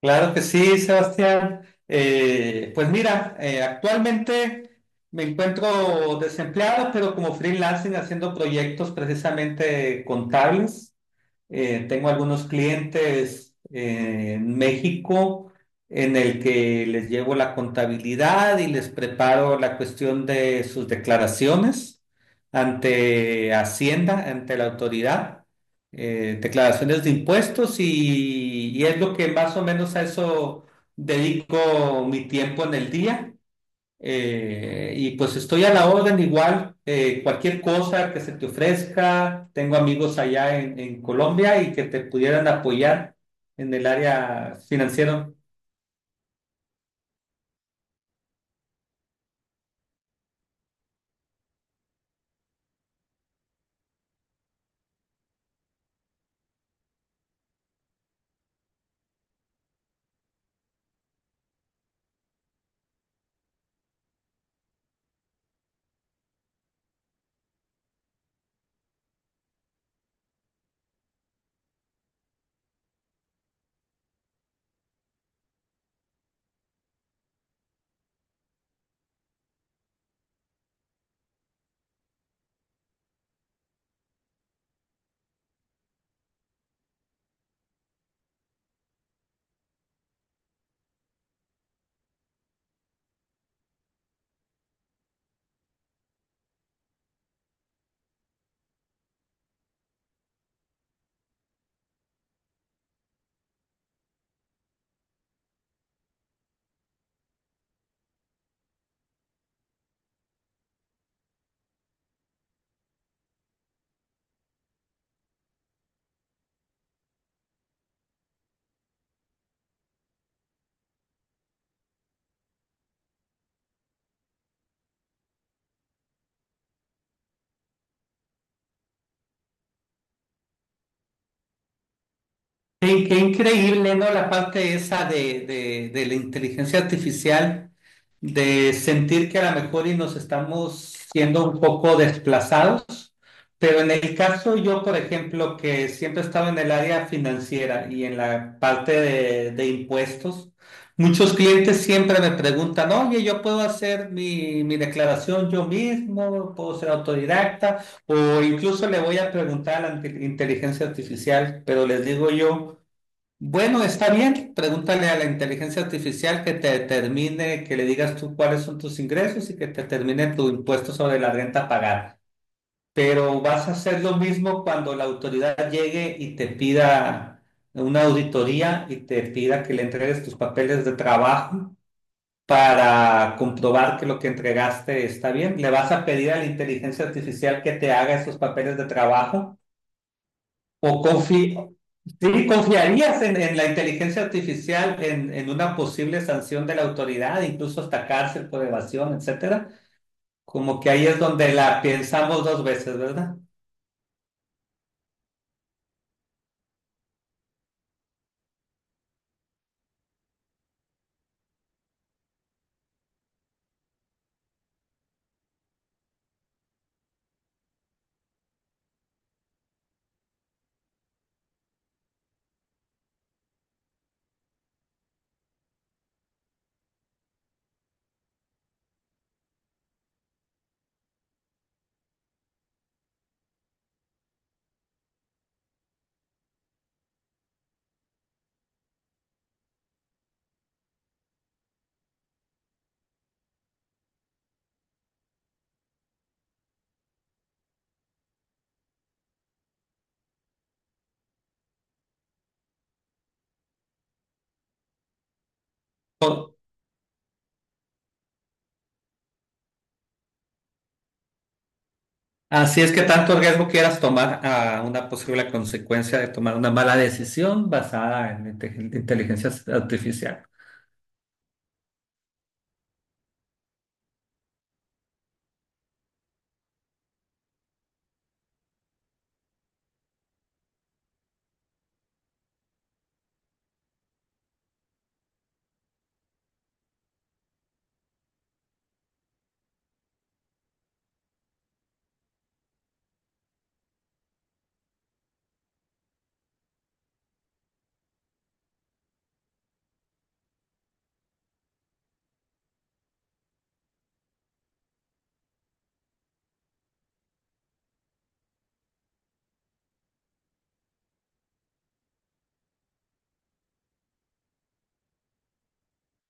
Claro que sí, Sebastián. Pues mira, actualmente me encuentro desempleado, pero como freelancing haciendo proyectos precisamente contables. Tengo algunos clientes en México en el que les llevo la contabilidad y les preparo la cuestión de sus declaraciones ante Hacienda, ante la autoridad, declaraciones de impuestos y es lo que más o menos a eso dedico mi tiempo en el día. Y pues estoy a la orden igual, cualquier cosa que se te ofrezca, tengo amigos allá en Colombia y que te pudieran apoyar en el área financiera. Qué increíble, ¿no? La parte esa de la inteligencia artificial, de sentir que a lo mejor y nos estamos siendo un poco desplazados. Pero en el caso yo, por ejemplo, que siempre he estado en el área financiera y en la parte de impuestos, muchos clientes siempre me preguntan, oye, yo puedo hacer mi declaración yo mismo, puedo ser autodidacta, o incluso le voy a preguntar a la inteligencia artificial, pero les digo yo, bueno, está bien, pregúntale a la inteligencia artificial que te determine, que le digas tú cuáles son tus ingresos y que te determine tu impuesto sobre la renta pagada. Pero vas a hacer lo mismo cuando la autoridad llegue y te pida una auditoría y te pida que le entregues tus papeles de trabajo para comprobar que lo que entregaste está bien. ¿Le vas a pedir a la inteligencia artificial que te haga esos papeles de trabajo? ¿O confiarías en la inteligencia artificial en una posible sanción de la autoridad, incluso hasta cárcel por evasión, etcétera? Como que ahí es donde la pensamos dos veces, ¿verdad? Así es que tanto riesgo quieras tomar a una posible consecuencia de tomar una mala decisión basada en inteligencia artificial.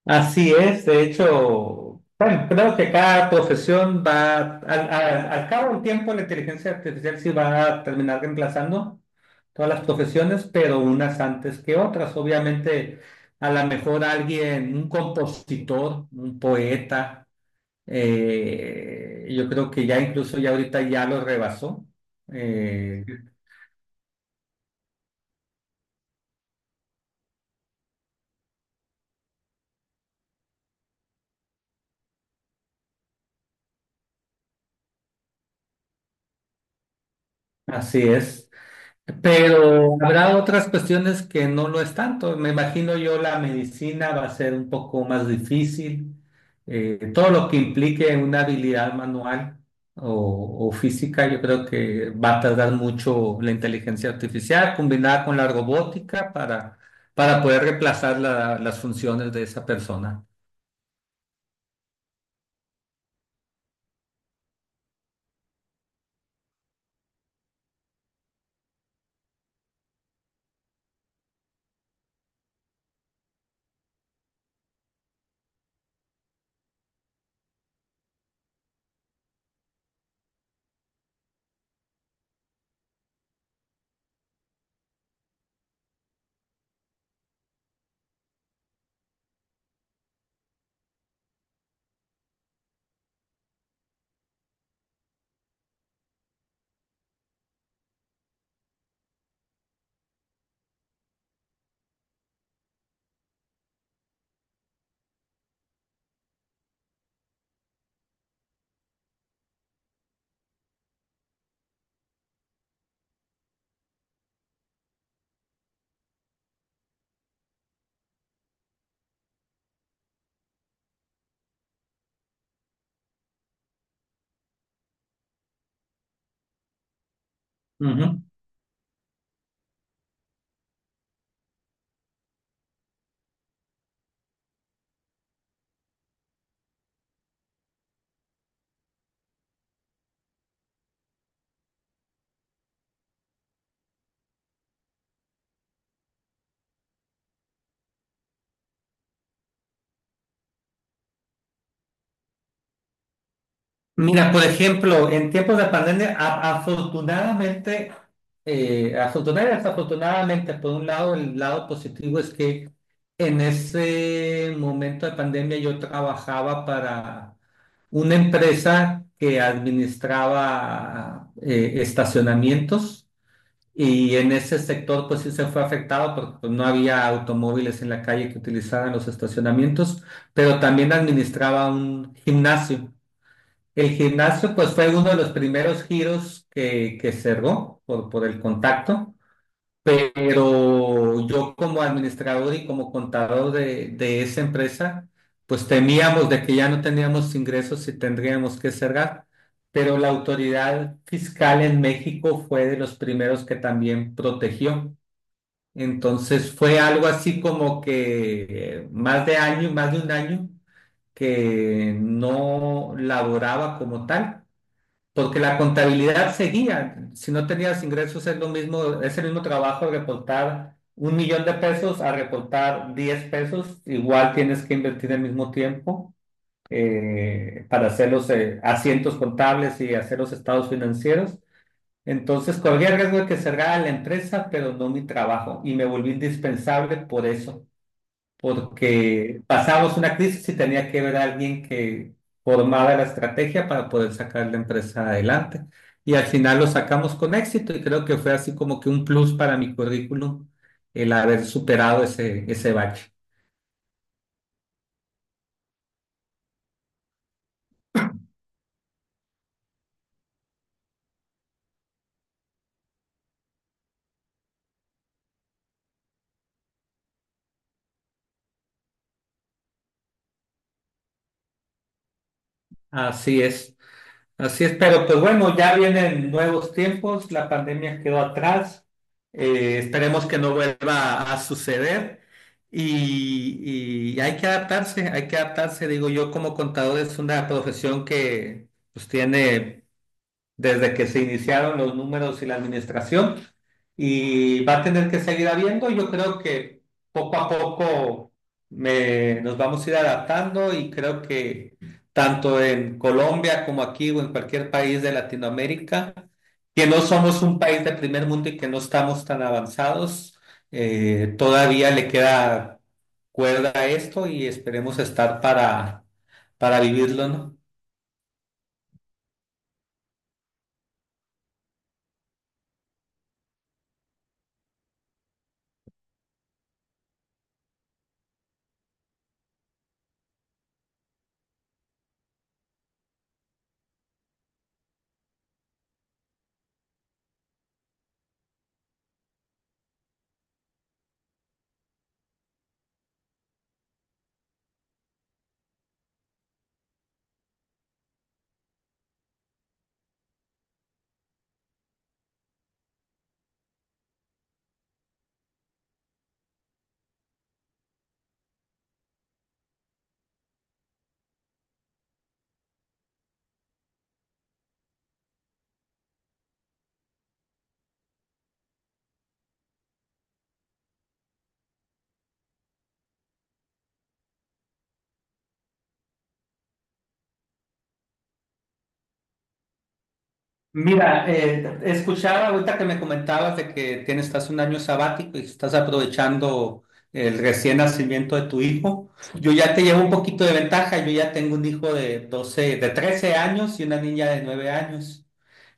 Así es, de hecho, bueno, creo que cada profesión va, al cabo del tiempo, la inteligencia artificial sí va a terminar reemplazando todas las profesiones, pero unas antes que otras. Obviamente, a lo mejor alguien, un compositor, un poeta. Yo creo que ya incluso ya ahorita ya lo rebasó. Eh, Así es. Pero habrá otras cuestiones que no lo es tanto. Me imagino yo la medicina va a ser un poco más difícil. Todo lo que implique una habilidad manual o física, yo creo que va a tardar mucho la inteligencia artificial combinada con la robótica para poder reemplazar las funciones de esa persona. Ujú. Mira, por ejemplo, en tiempos de pandemia, afortunadamente, desafortunadamente, por un lado, el lado positivo es que en ese momento de pandemia yo trabajaba para una empresa que administraba estacionamientos y en ese sector pues sí se fue afectado porque pues, no había automóviles en la calle que utilizaran los estacionamientos, pero también administraba un gimnasio. El gimnasio, pues fue uno de los primeros giros que cerró por el contacto, pero yo como administrador y como contador de esa empresa, pues temíamos de que ya no teníamos ingresos y tendríamos que cerrar, pero la autoridad fiscal en México fue de los primeros que también protegió. Entonces fue algo así como que más de un año que no laboraba como tal porque la contabilidad seguía. Si no tenías ingresos, es lo mismo, es el mismo trabajo reportar $1,000,000 a reportar $10. Igual tienes que invertir el mismo tiempo para hacer los asientos contables y hacer los estados financieros. Entonces, corría el riesgo de que cerrara la empresa, pero no mi trabajo. Y me volví indispensable por eso porque pasamos una crisis y tenía que haber alguien que formara la estrategia para poder sacar la empresa adelante. Y al final lo sacamos con éxito y creo que fue así como que un plus para mi currículum el haber superado ese bache. Así es. Así es, pero pues bueno, ya vienen nuevos tiempos, la pandemia quedó atrás, esperemos que no vuelva a suceder y hay que adaptarse, digo yo como contador es una profesión que pues tiene desde que se iniciaron los números y la administración y va a tener que seguir habiendo. Yo creo que poco a poco nos vamos a ir adaptando y creo que tanto en Colombia como aquí o en cualquier país de Latinoamérica, que no somos un país de primer mundo y que no estamos tan avanzados, todavía le queda cuerda a esto y esperemos estar para vivirlo, ¿no? Mira, escuchaba ahorita que me comentabas de que tienes, estás un año sabático y estás aprovechando el recién nacimiento de tu hijo. Yo ya te llevo un poquito de ventaja, yo ya tengo un hijo de 12, de 13 años y una niña de 9 años,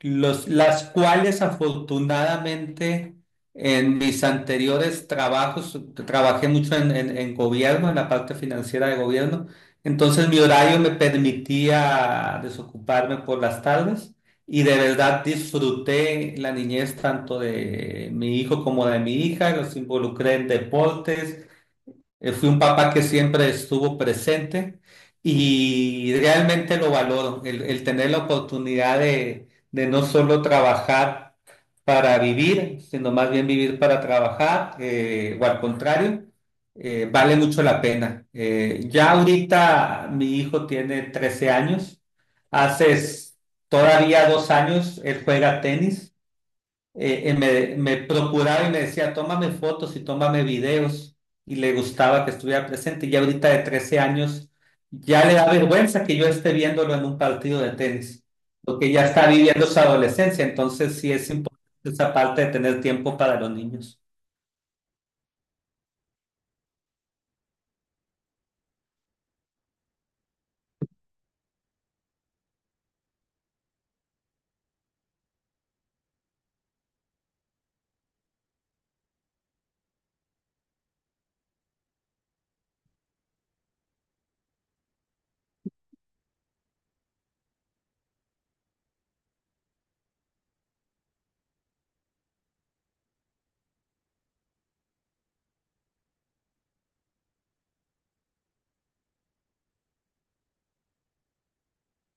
los, las cuales afortunadamente en mis anteriores trabajos, trabajé mucho en, en gobierno, en la parte financiera de gobierno, entonces mi horario me permitía desocuparme por las tardes. Y de verdad disfruté la niñez tanto de mi hijo como de mi hija, los involucré en deportes, fui un papá que siempre estuvo presente y realmente lo valoro, el tener la oportunidad de no solo trabajar para vivir, sino más bien vivir para trabajar, o al contrario, vale mucho la pena. Ya ahorita mi hijo tiene 13 años, hace s- todavía 2 años él juega tenis me procuraba y me decía, tómame fotos y tómame videos, y le gustaba que estuviera presente. Y ahorita de 13 años ya le da vergüenza que yo esté viéndolo en un partido de tenis, porque ya está viviendo su adolescencia, entonces sí es importante esa parte de tener tiempo para los niños.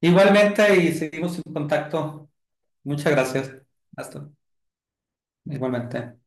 Igualmente, y seguimos en contacto. Muchas gracias. Hasta. Igualmente.